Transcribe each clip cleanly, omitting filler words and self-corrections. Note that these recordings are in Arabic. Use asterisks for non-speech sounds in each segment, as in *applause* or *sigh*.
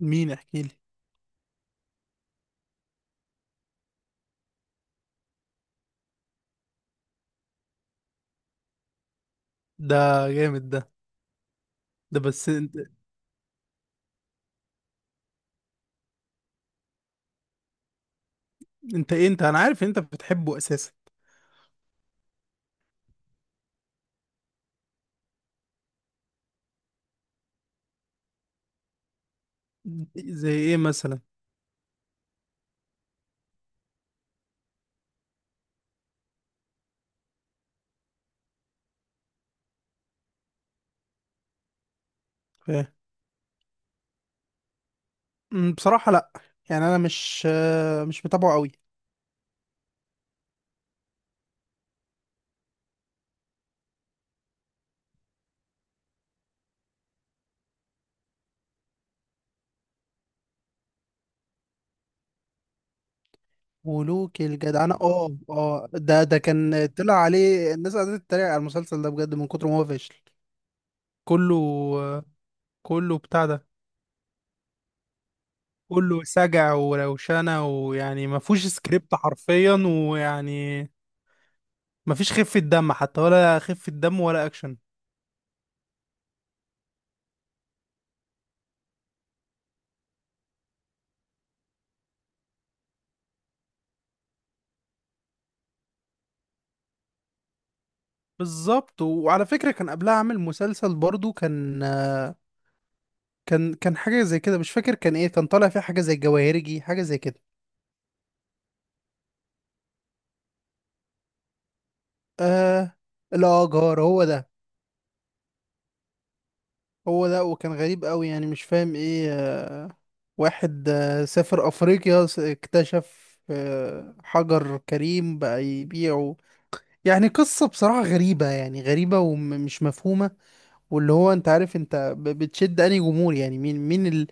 مين؟ احكي لي. ده جامد ده. ده بس انت. انت ايه؟ انت انا عارف ان انت بتحبه اساسا. زي ايه مثلا؟ ف... بصراحة لا. يعني انا مش مش متابعه قوي. ملوك الجدعنة، اه اه، ده كان طلع عليه الناس، قعدت تتريق على المسلسل ده بجد من كتر ما هو فاشل. كله. آه، كله بتاع ده. كله سجع وروشنة، ويعني ما فيهوش سكريبت حرفيا. ويعني ما فيش خفة دم، حتى ولا خفة دم ولا اكشن. بالظبط. وعلى فكرة كان قبلها عامل مسلسل برضو، كان حاجة زي كده، مش فاكر كان ايه، كان طالع فيه حاجة زي الجواهرجي، حاجة زي كده. آه. لا، جار هو ده. هو ده. وكان غريب قوي، يعني مش فاهم ايه. واحد، سافر أفريقيا، اكتشف، حجر كريم بقى يبيعه. يعني قصة بصراحة غريبة، يعني غريبة ومش مفهومة. واللي هو انت عارف، انت بتشد انهي جمهور؟ يعني مين مين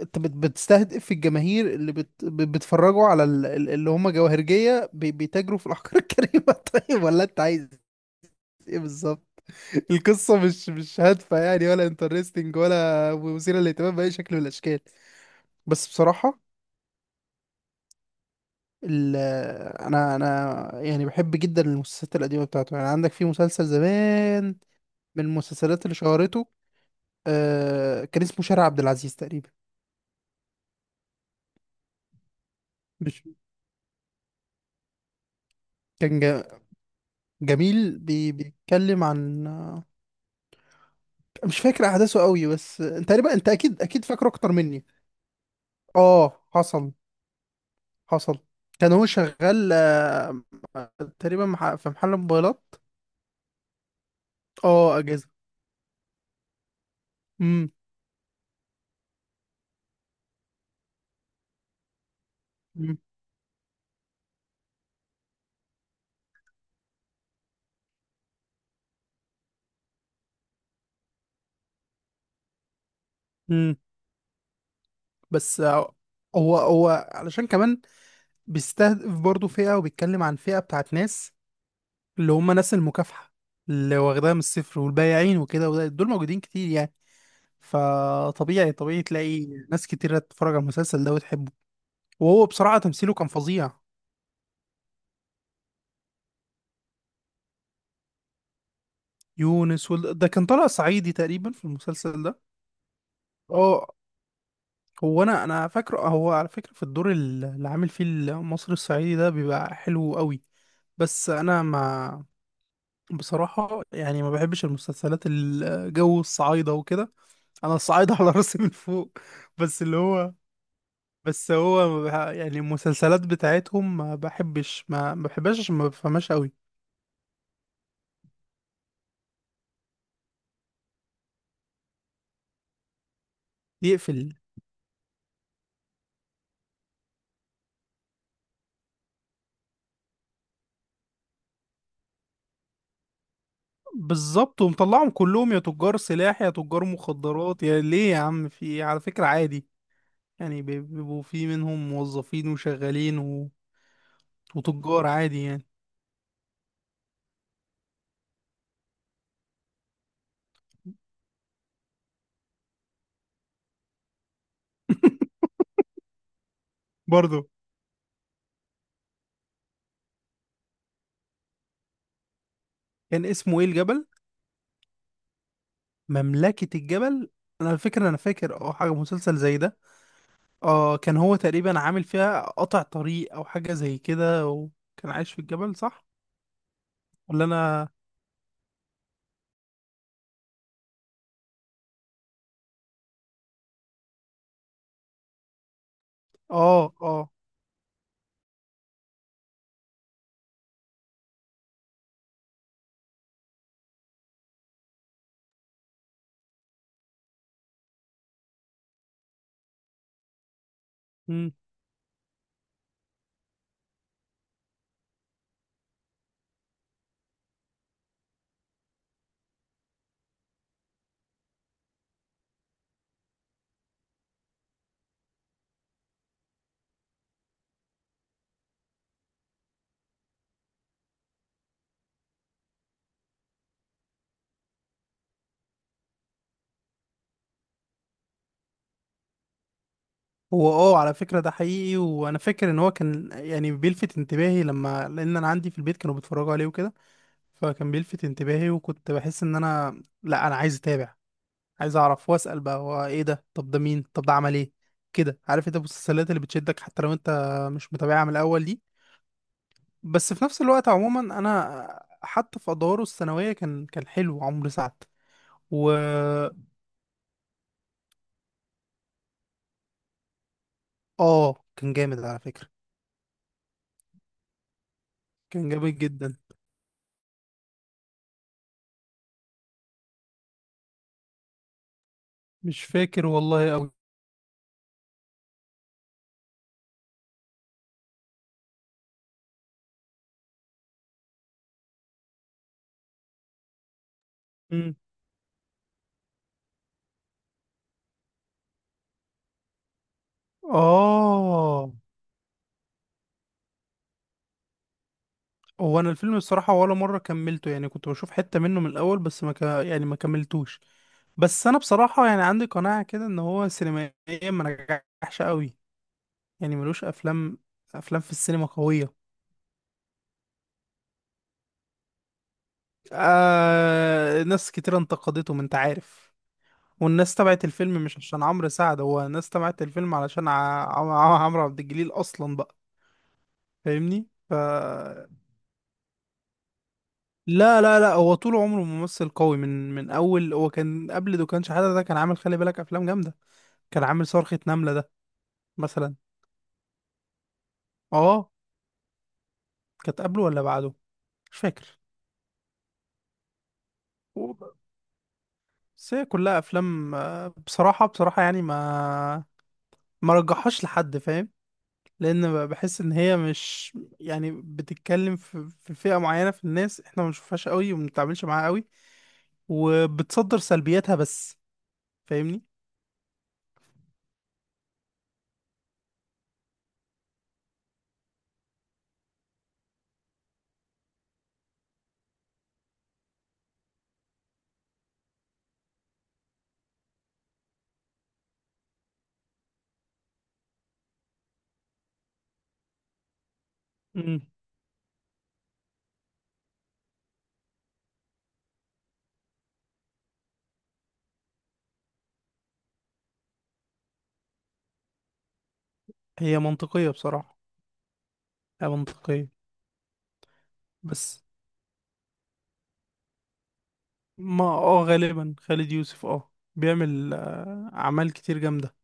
انت بتستهدف الجماهير اللي بيتفرجوا على اللي هم جواهرجية، بيتاجروا في الأحجار الكريمة؟ *laughs* طيب، ولا انت عايز ايه بالظبط؟ القصة مش مش هادفة يعني، ولا انترستنج، ولا مثيرة للاهتمام بأي شكل من الأشكال. بس بصراحة ال... انا يعني بحب جدا المسلسلات القديمة بتاعته. يعني عندك في مسلسل زمان، من المسلسلات اللي شهرته، كان اسمه شارع عبد العزيز تقريبا. مش كان جميل؟ بيتكلم عن، مش فاكر احداثه قوي، بس انت تقريبا انت اكيد فاكره اكتر مني. اه، حصل، حصل. كان هو شغال، تقريبا في محل موبايلات. اه، اجهزه. امم. امم. امم. بس آه. هو علشان كمان بيستهدف برضه فئه، وبيتكلم عن فئه بتاعت ناس، اللي هم ناس المكافحه، اللي واخداها من الصفر والبايعين وكده، دول موجودين كتير يعني. فطبيعي، طبيعي تلاقي ناس كتير تتفرج على المسلسل ده وتحبه. وهو بصراحه تمثيله كان فظيع. ده كان طلع صعيدي تقريبا في المسلسل ده. اه. هو انا فاكره، هو على فكره في الدور اللي عامل فيه المصري الصعيدي ده بيبقى حلو قوي. بس انا ما، بصراحه يعني ما بحبش المسلسلات الجو الصعايده وكده. انا الصعايده على راسي من فوق. بس اللي هو، بس هو ما بح- يعني المسلسلات بتاعتهم ما بحبش، ما بحبهاش عشان ما بفهمهاش قوي. يقفل. بالظبط، ومطلعهم كلهم يا تجار سلاح، يا تجار مخدرات، يا ليه، يا عم في إيه؟ على فكرة عادي يعني. بيبقوا في منهم موظفين وشغالين وتجار عادي يعني. *laughs* برضه. كان اسمه ايه؟ الجبل؟ مملكة الجبل. انا على فكرة انا فاكر اه حاجة مسلسل زي ده. اه، كان هو تقريبا عامل فيها قطع طريق او حاجة زي كده، وكان عايش في الجبل صح؟ ولا انا؟ اه اه. هو، اه على فكرة ده حقيقي. وانا فاكر ان هو كان يعني بيلفت انتباهي، لما، لان انا عندي في البيت كانوا بيتفرجوا عليه وكده. فكان بيلفت انتباهي، وكنت بحس ان انا، لا انا عايز اتابع، عايز اعرف واسأل بقى هو ايه ده، طب ده مين، طب ده عمل ايه. كده، عارف انت المسلسلات اللي بتشدك حتى لو انت مش متابعها من الاول دي. بس في نفس الوقت عموما، انا حتى في ادواره الثانوية كان حلو عمرو سعد. و، اه كان جامد على فكرة. كان جامد جدا. مش فاكر والله قوي. اه. هو انا الفيلم الصراحه ولا مره كملته، يعني كنت بشوف حته منه من الاول، بس ما ك... يعني ما كملتوش. بس انا بصراحه يعني عندي قناعه كده ان هو سينمائيا ما نجحش قوي. يعني ملوش افلام، افلام في السينما قويه. ناس كتير انتقدته، ما انت عارف. والناس تبعت الفيلم مش عشان عمرو سعد، هو الناس تبعت الفيلم علشان عمرو عبد الجليل اصلا بقى. فاهمني؟ ف، لا هو طول عمره ممثل قوي. من اول هو كان قبل دكان شحاتة ده، كان عامل، خلي بالك، افلام جامده. كان عامل صرخة نملة ده مثلا. اه. كانت قبله ولا بعده؟ مش فاكر. و- بس هي كلها افلام، بصراحه، بصراحه يعني ما رجحهاش لحد، فاهم؟ لان بحس ان هي مش يعني بتتكلم في في فئه معينه في الناس، احنا ما بنشوفهاش قوي وما بنتعاملش معاها قوي، وبتصدر سلبياتها بس. فاهمني؟ مم. هي منطقيه بصراحه. هي منطقيه. بس، ما اه غالبا خالد يوسف اه بيعمل، اعمال كتير جامده.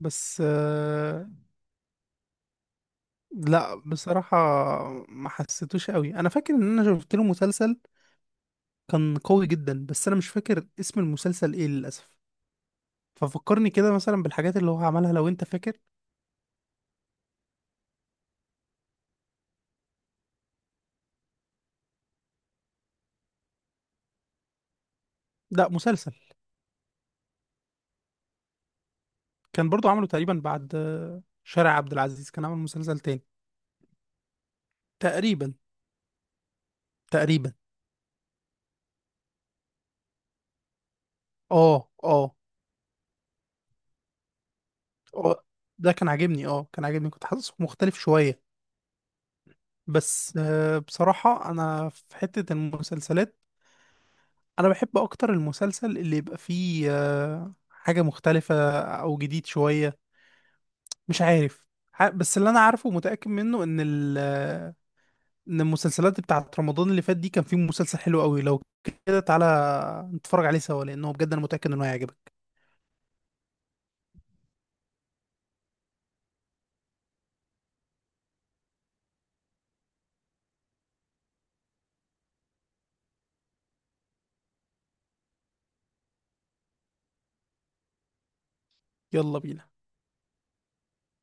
بس آه. لا بصراحه ما حسيتوش قوي. انا فاكر ان انا شفت له مسلسل كان قوي جدا، بس انا مش فاكر اسم المسلسل ايه للاسف. ففكرني كده مثلا بالحاجات اللي هو عملها لو انت فاكر. لا، مسلسل. كان برضو عمله تقريبا بعد شارع عبد العزيز، كان عامل مسلسل تاني تقريبا. تقريبا. اه اه. اه ده كان عاجبني. اه كان عاجبني، كنت حاسس مختلف شويه. بس بصراحة أنا في حتة المسلسلات، أنا بحب أكتر المسلسل اللي يبقى فيه حاجة مختلفة أو جديد شوية، مش عارف. بس اللي أنا عارفه ومتأكد منه، إن ال آه، إن المسلسلات بتاعت رمضان اللي فات دي كان فيه مسلسل حلو قوي. لو كده تعالى نتفرج عليه سوا، لأنه بجد أنا متأكد إنه هيعجبك. يلا بينا.